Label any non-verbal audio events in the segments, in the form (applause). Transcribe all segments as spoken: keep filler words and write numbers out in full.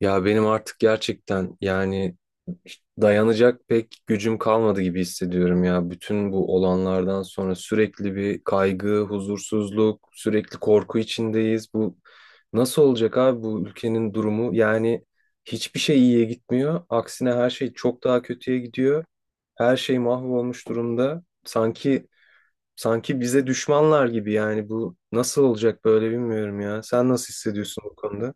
Ya benim artık gerçekten yani dayanacak pek gücüm kalmadı gibi hissediyorum ya. Bütün bu olanlardan sonra sürekli bir kaygı, huzursuzluk, sürekli korku içindeyiz. Bu nasıl olacak abi bu ülkenin durumu? Yani hiçbir şey iyiye gitmiyor. Aksine her şey çok daha kötüye gidiyor. Her şey mahvolmuş durumda. Sanki sanki bize düşmanlar gibi yani bu nasıl olacak böyle bilmiyorum ya. Sen nasıl hissediyorsun bu konuda?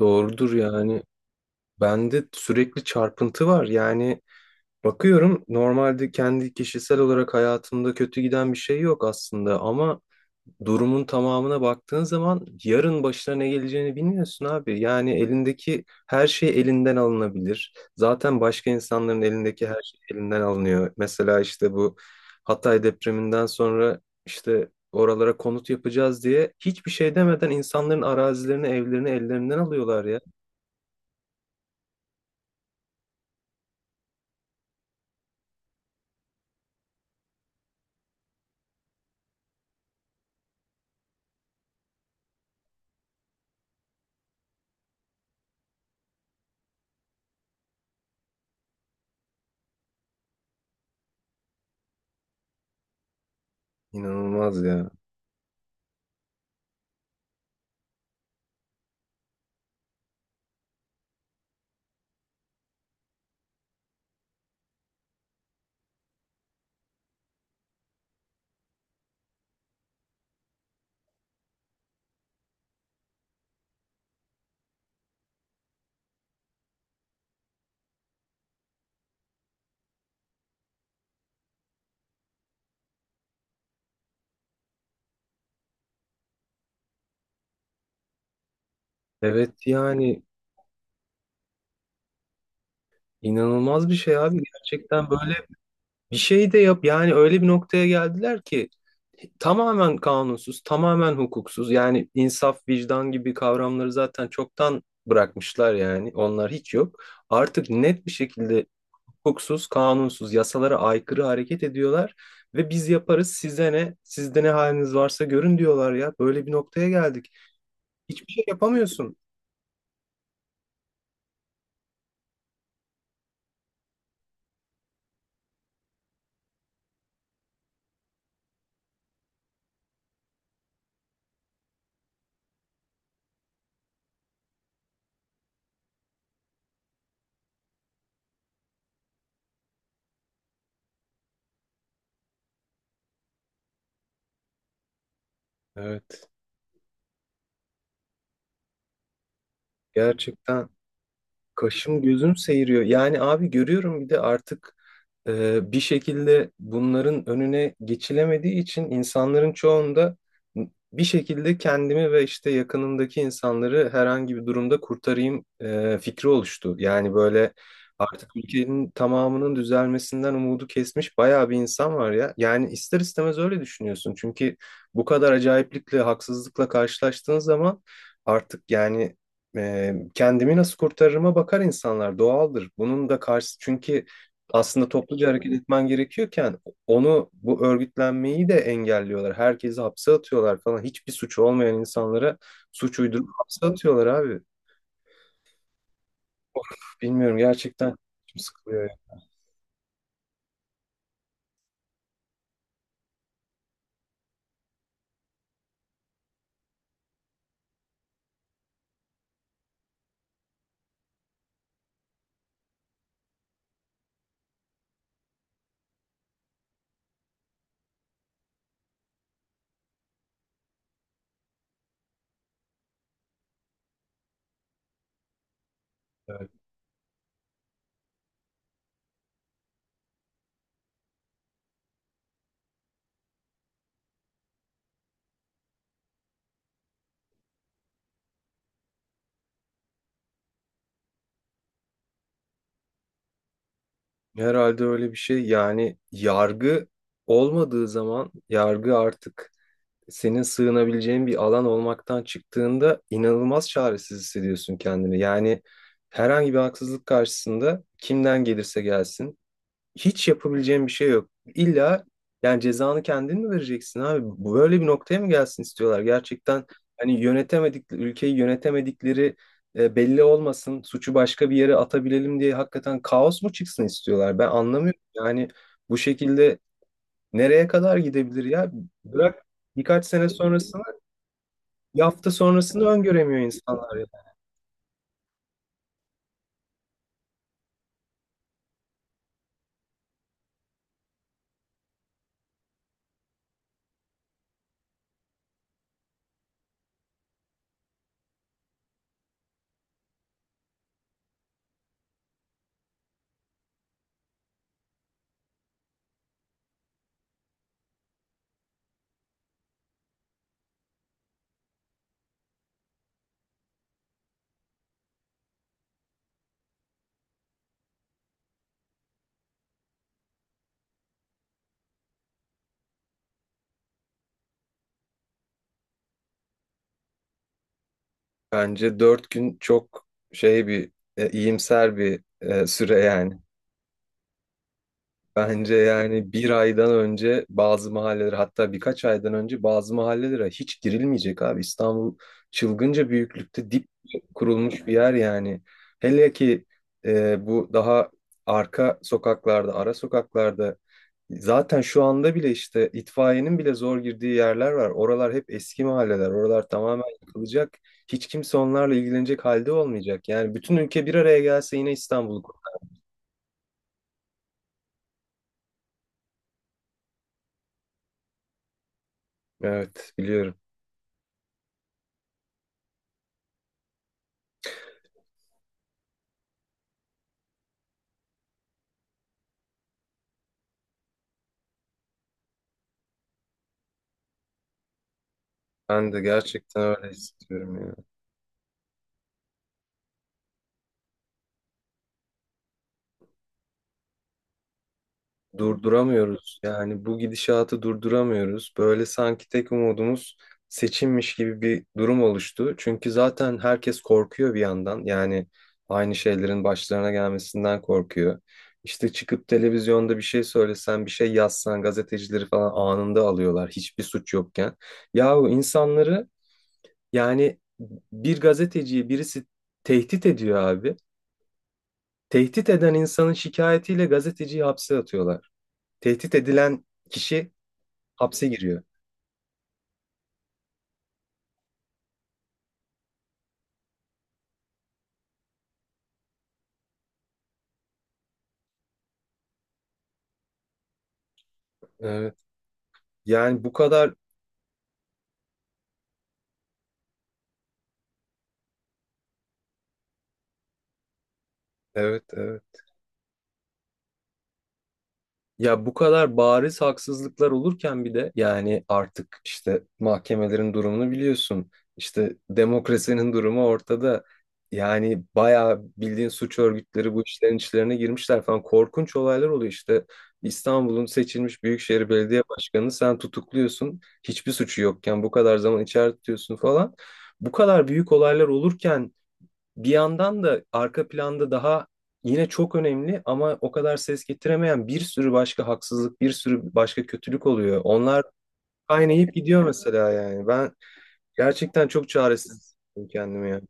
Doğrudur yani. Bende sürekli çarpıntı var. Yani bakıyorum normalde kendi kişisel olarak hayatımda kötü giden bir şey yok aslında ama durumun tamamına baktığın zaman yarın başına ne geleceğini bilmiyorsun abi. Yani elindeki her şey elinden alınabilir. Zaten başka insanların elindeki her şey elinden alınıyor. Mesela işte bu Hatay depreminden sonra işte oralara konut yapacağız diye hiçbir şey demeden insanların arazilerini, evlerini ellerinden alıyorlar ya. İnanılmaz ya. Evet yani inanılmaz bir şey abi gerçekten böyle bir şey de yap yani öyle bir noktaya geldiler ki tamamen kanunsuz, tamamen hukuksuz. Yani insaf, vicdan gibi kavramları zaten çoktan bırakmışlar, yani onlar hiç yok artık. Net bir şekilde hukuksuz, kanunsuz, yasalara aykırı hareket ediyorlar ve biz yaparız, size ne, sizde ne haliniz varsa görün diyorlar ya. Böyle bir noktaya geldik, hiçbir şey yapamıyorsun. Evet, gerçekten. Kaşım gözüm seyiriyor. Yani abi görüyorum, bir de artık e, bir şekilde bunların önüne geçilemediği için insanların çoğunda bir şekilde kendimi ve işte yakınımdaki insanları herhangi bir durumda kurtarayım e, fikri oluştu. Yani böyle artık ülkenin tamamının düzelmesinden umudu kesmiş bayağı bir insan var ya. Yani ister istemez öyle düşünüyorsun. Çünkü bu kadar acayiplikle, haksızlıkla karşılaştığın zaman artık yani e, kendimi nasıl kurtarırıma bakar insanlar, doğaldır. Bunun da karşı, çünkü aslında topluca hareket etmen gerekiyorken onu, bu örgütlenmeyi de engelliyorlar. Herkesi hapse atıyorlar falan. Hiçbir suçu olmayan insanlara suç uydurup hapse atıyorlar abi. Bilmiyorum gerçekten, içim sıkılıyor ya. Herhalde öyle bir şey. Yani yargı olmadığı zaman, yargı artık senin sığınabileceğin bir alan olmaktan çıktığında inanılmaz çaresiz hissediyorsun kendini. Yani herhangi bir haksızlık karşısında, kimden gelirse gelsin, hiç yapabileceğin bir şey yok. İlla yani cezanı kendin mi vereceksin abi? Bu- Böyle bir noktaya mı gelsin istiyorlar? Gerçekten hani yönetemedik ülkeyi, yönetemedikleri e, belli olmasın, suçu başka bir yere atabilelim diye hakikaten kaos mu çıksın istiyorlar? Ben anlamıyorum. Yani bu şekilde nereye kadar gidebilir ya? Bırak birkaç sene sonrasını, bir hafta sonrasını öngöremiyor insanlar ya. Bence dört gün çok şey bir e, iyimser bir e, süre yani. Bence yani bir aydan önce bazı mahallelere, hatta birkaç aydan önce bazı mahallelere hiç girilmeyecek abi. İstanbul çılgınca büyüklükte dip kurulmuş bir yer yani. Hele ki e, bu daha arka sokaklarda, ara sokaklarda zaten şu anda bile işte itfaiyenin bile zor girdiği yerler var. Oralar hep eski mahalleler. Oralar tamamen yıkılacak. Hiç kimse onlarla ilgilenecek halde olmayacak. Yani bütün ülke bir araya gelse yine İstanbul'u. Evet, biliyorum. Ben de gerçekten öyle hissediyorum ya. Durduramıyoruz. Yani bu gidişatı durduramıyoruz. Böyle sanki tek umudumuz seçimmiş gibi bir durum oluştu. Çünkü zaten herkes korkuyor bir yandan. Yani aynı şeylerin başlarına gelmesinden korkuyor. İşte çıkıp televizyonda bir şey söylesen, bir şey yazsan gazetecileri falan anında alıyorlar, hiçbir suç yokken. Yahu insanları, yani bir gazeteciyi birisi tehdit ediyor abi. Tehdit eden insanın şikayetiyle gazeteciyi hapse atıyorlar. Tehdit edilen kişi hapse giriyor. Evet. Yani bu kadar, evet, evet. Ya bu kadar bariz haksızlıklar olurken bir de yani artık işte mahkemelerin durumunu biliyorsun. İşte demokrasinin (laughs) durumu ortada. Yani bayağı bildiğin suç örgütleri bu işlerin içlerine girmişler falan. Korkunç olaylar oluyor işte. İstanbul'un seçilmiş Büyükşehir Belediye Başkanı, sen tutukluyorsun. Hiçbir suçu yokken bu kadar zaman içeride tutuyorsun falan. Bu kadar büyük olaylar olurken bir yandan da arka planda daha, yine çok önemli ama o kadar ses getiremeyen bir sürü başka haksızlık, bir sürü başka kötülük oluyor. Onlar kaynayıp gidiyor mesela yani. Ben gerçekten çok çaresiz hissediyorum kendimi ya.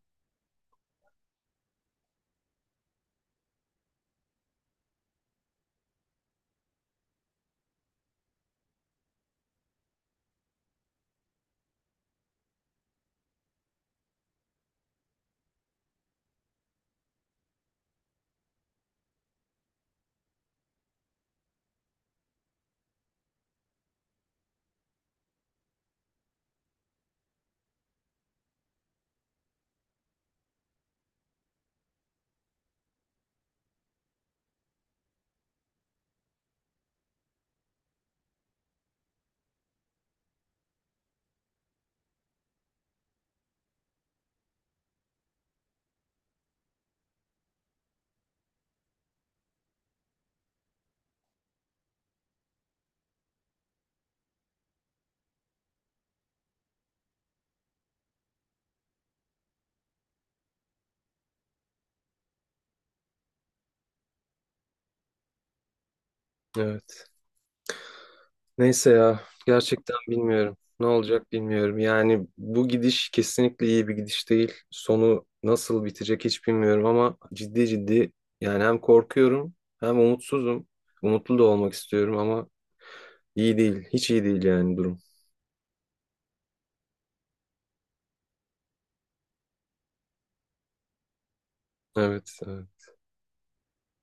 Evet. Neyse ya, gerçekten bilmiyorum. Ne olacak bilmiyorum. Yani bu gidiş kesinlikle iyi bir gidiş değil. Sonu nasıl bitecek hiç bilmiyorum ama ciddi ciddi yani hem korkuyorum hem umutsuzum. Umutlu da olmak istiyorum ama İyi değil. Hiç iyi değil yani durum. Evet, evet.